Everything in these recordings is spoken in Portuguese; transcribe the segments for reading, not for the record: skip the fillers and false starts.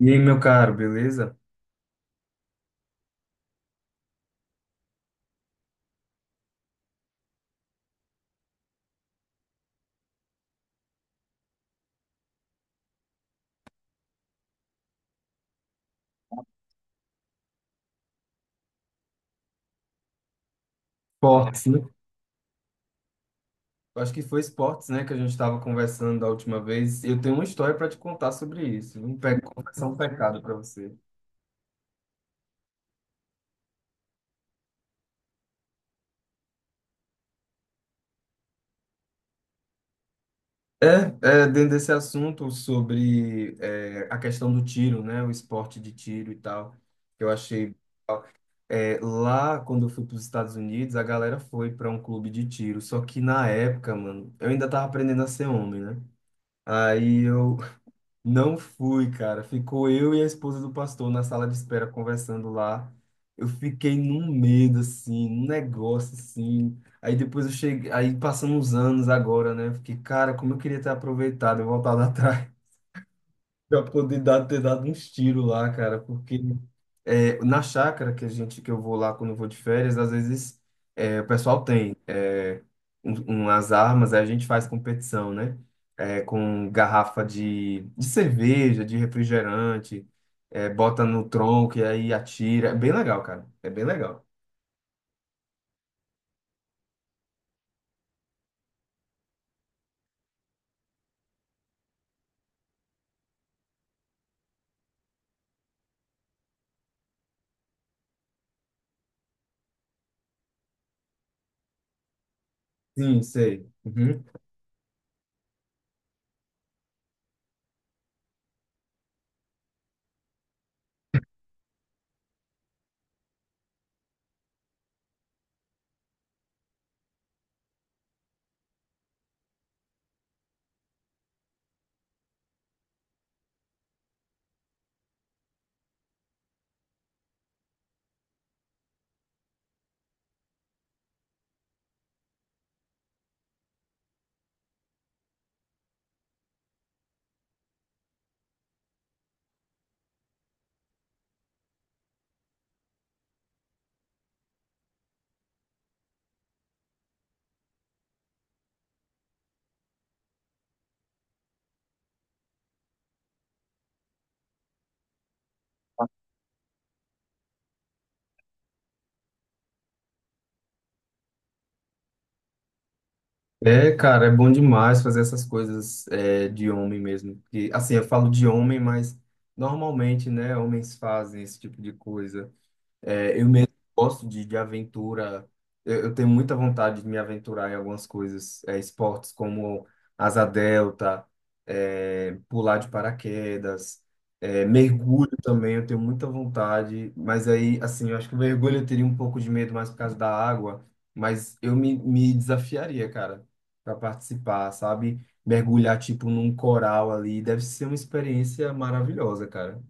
E aí, meu caro, beleza? Esportes, né? Acho que foi esportes, né, que a gente estava conversando da última vez. Eu tenho uma história para te contar sobre isso. Um pe... Confessar um pecado para você. É, dentro desse assunto sobre a questão do tiro, né, o esporte de tiro e tal, que eu achei. Lá, quando eu fui para os Estados Unidos, a galera foi para um clube de tiro. Só que na época, mano, eu ainda tava aprendendo a ser homem, né? Aí eu. Não fui, cara. Ficou eu e a esposa do pastor na sala de espera conversando lá. Eu fiquei num medo, assim, num negócio, assim. Aí depois eu cheguei, aí passando uns anos agora, né? Eu fiquei, cara, como eu queria ter aproveitado, eu voltado atrás. Pra poder dar, ter dado uns tiros lá, cara, porque na chácara que a gente que eu vou lá quando eu vou de férias, às vezes o pessoal tem umas armas, aí a gente faz competição, né? É, com garrafa de cerveja, de refrigerante, bota no tronco e aí atira. É bem legal, cara. É bem legal. Sim, sei. Uhum. É, cara, é bom demais fazer essas coisas de homem mesmo. E assim, eu falo de homem, mas normalmente, né, homens fazem esse tipo de coisa. É, eu mesmo gosto de aventura. Eu tenho muita vontade de me aventurar em algumas coisas, é, esportes como asa delta, pular de paraquedas, mergulho também. Eu tenho muita vontade, mas aí, assim, eu acho que o mergulho eu teria um pouco de medo mais por causa da água, mas eu me desafiaria, cara, para participar, sabe? Mergulhar, tipo, num coral ali, deve ser uma experiência maravilhosa, cara.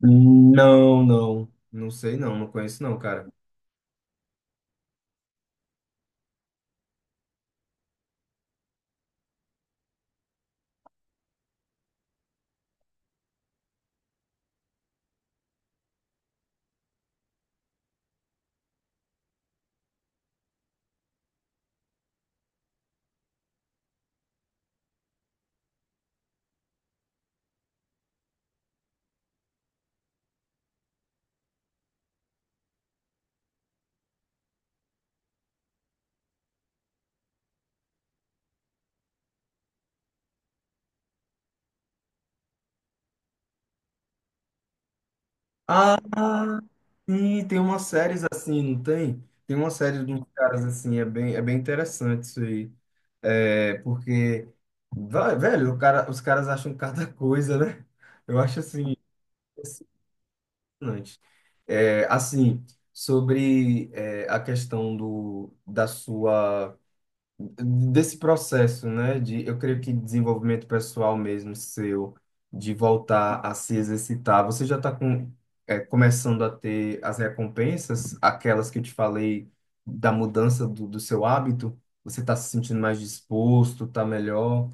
Não, não. Não sei não, não conheço não, cara. Ah, sim, tem umas séries assim, não tem? Tem uma série de uns caras assim, é bem interessante isso aí. É, porque, velho, o cara, os caras acham cada coisa, né? Eu acho assim, impressionante. É, assim, sobre a questão do, da sua. Desse processo, né, de eu creio que desenvolvimento pessoal mesmo seu, de voltar a se exercitar. Você já está com, é, começando a ter as recompensas, aquelas que eu te falei da mudança do, do seu hábito? Você está se sentindo mais disposto, está melhor?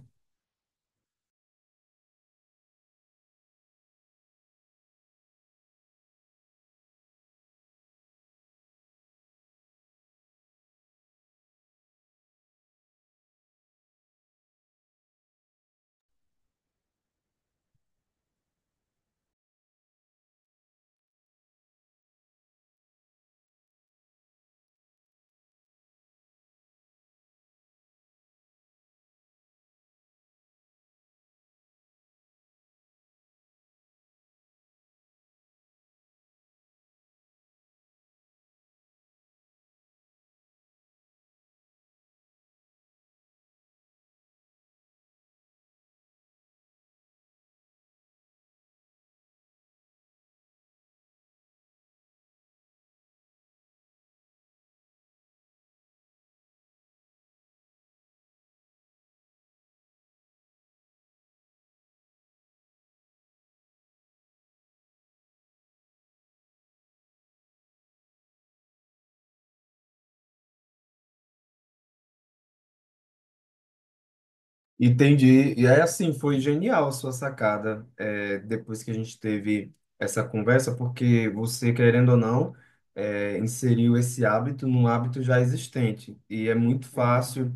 Entendi. E aí, assim, foi genial a sua sacada, é, depois que a gente teve essa conversa, porque você, querendo ou não, inseriu esse hábito num hábito já existente. E é muito, uhum, fácil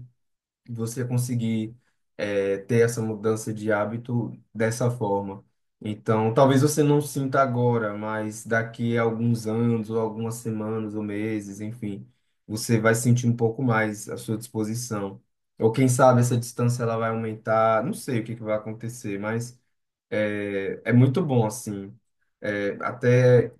você conseguir ter essa mudança de hábito dessa forma. Então, talvez você não sinta agora, mas daqui a alguns anos, ou algumas semanas, ou meses, enfim, você vai sentir um pouco mais à sua disposição. Ou quem sabe essa distância ela vai aumentar, não sei o que que vai acontecer, mas é muito bom, assim. É, até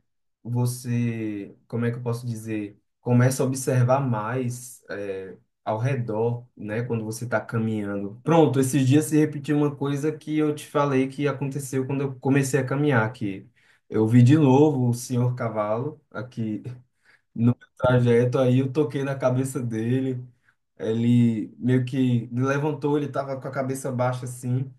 você, como é que eu posso dizer? Começa a observar mais, é, ao redor, né? Quando você está caminhando. Pronto, esses dias se repetiu uma coisa que eu te falei que aconteceu quando eu comecei a caminhar aqui. Eu vi de novo o senhor cavalo aqui no meu trajeto, aí eu toquei na cabeça dele. Ele meio que me levantou, ele estava com a cabeça baixa assim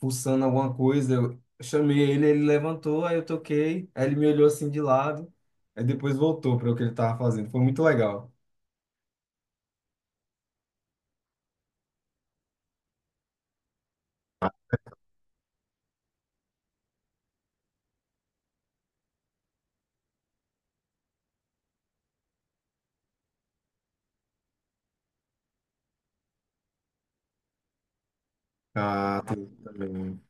fuçando alguma coisa. Eu chamei ele, ele levantou, aí eu toquei, aí ele me olhou assim de lado, aí depois voltou para o que ele estava fazendo. Foi muito legal. Ah, tem isso também.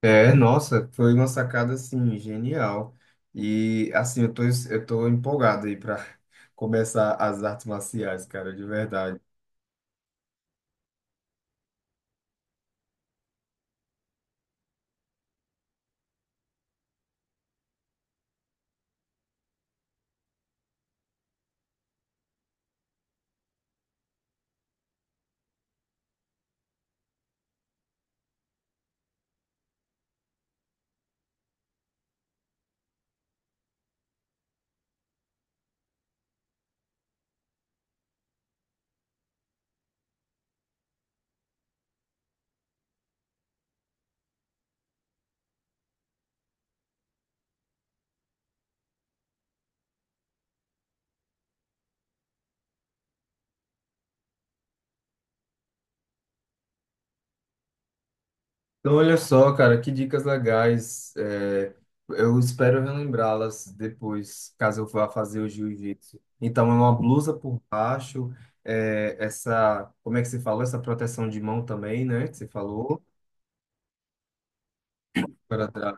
É, nossa, foi uma sacada assim genial. E assim, eu tô empolgado aí para começar as artes marciais, cara, de verdade. Então, olha só, cara, que dicas legais. É, eu espero relembrá-las depois, caso eu vá fazer o jiu-jitsu. Então, é uma blusa por baixo, é, essa, como é que se falou? Essa proteção de mão também, né? Que você falou, para trás.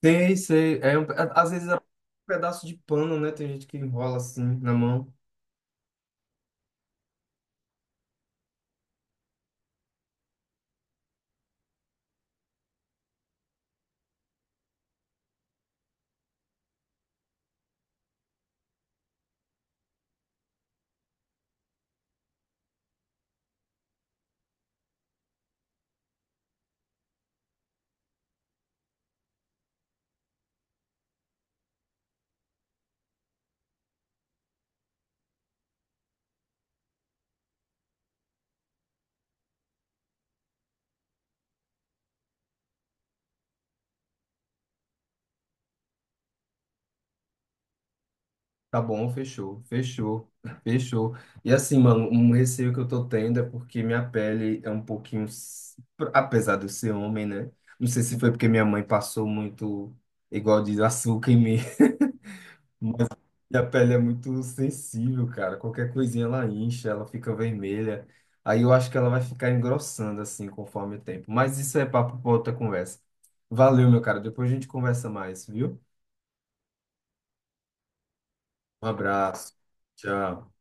Tem, sei, às vezes é um pedaço de pano, né? Tem gente que enrola assim na mão. Tá bom, fechou, fechou, fechou. E assim, mano, um receio que eu tô tendo é porque minha pele é um pouquinho, s- apesar de eu ser homem, né? Não sei se foi porque minha mãe passou muito, igual diz, açúcar em mim. Minha pele é muito sensível, cara. Qualquer coisinha ela incha, ela fica vermelha. Aí eu acho que ela vai ficar engrossando assim conforme o tempo. Mas isso é papo pra outra conversa. Valeu, meu cara. Depois a gente conversa mais, viu? Um abraço. Tchau.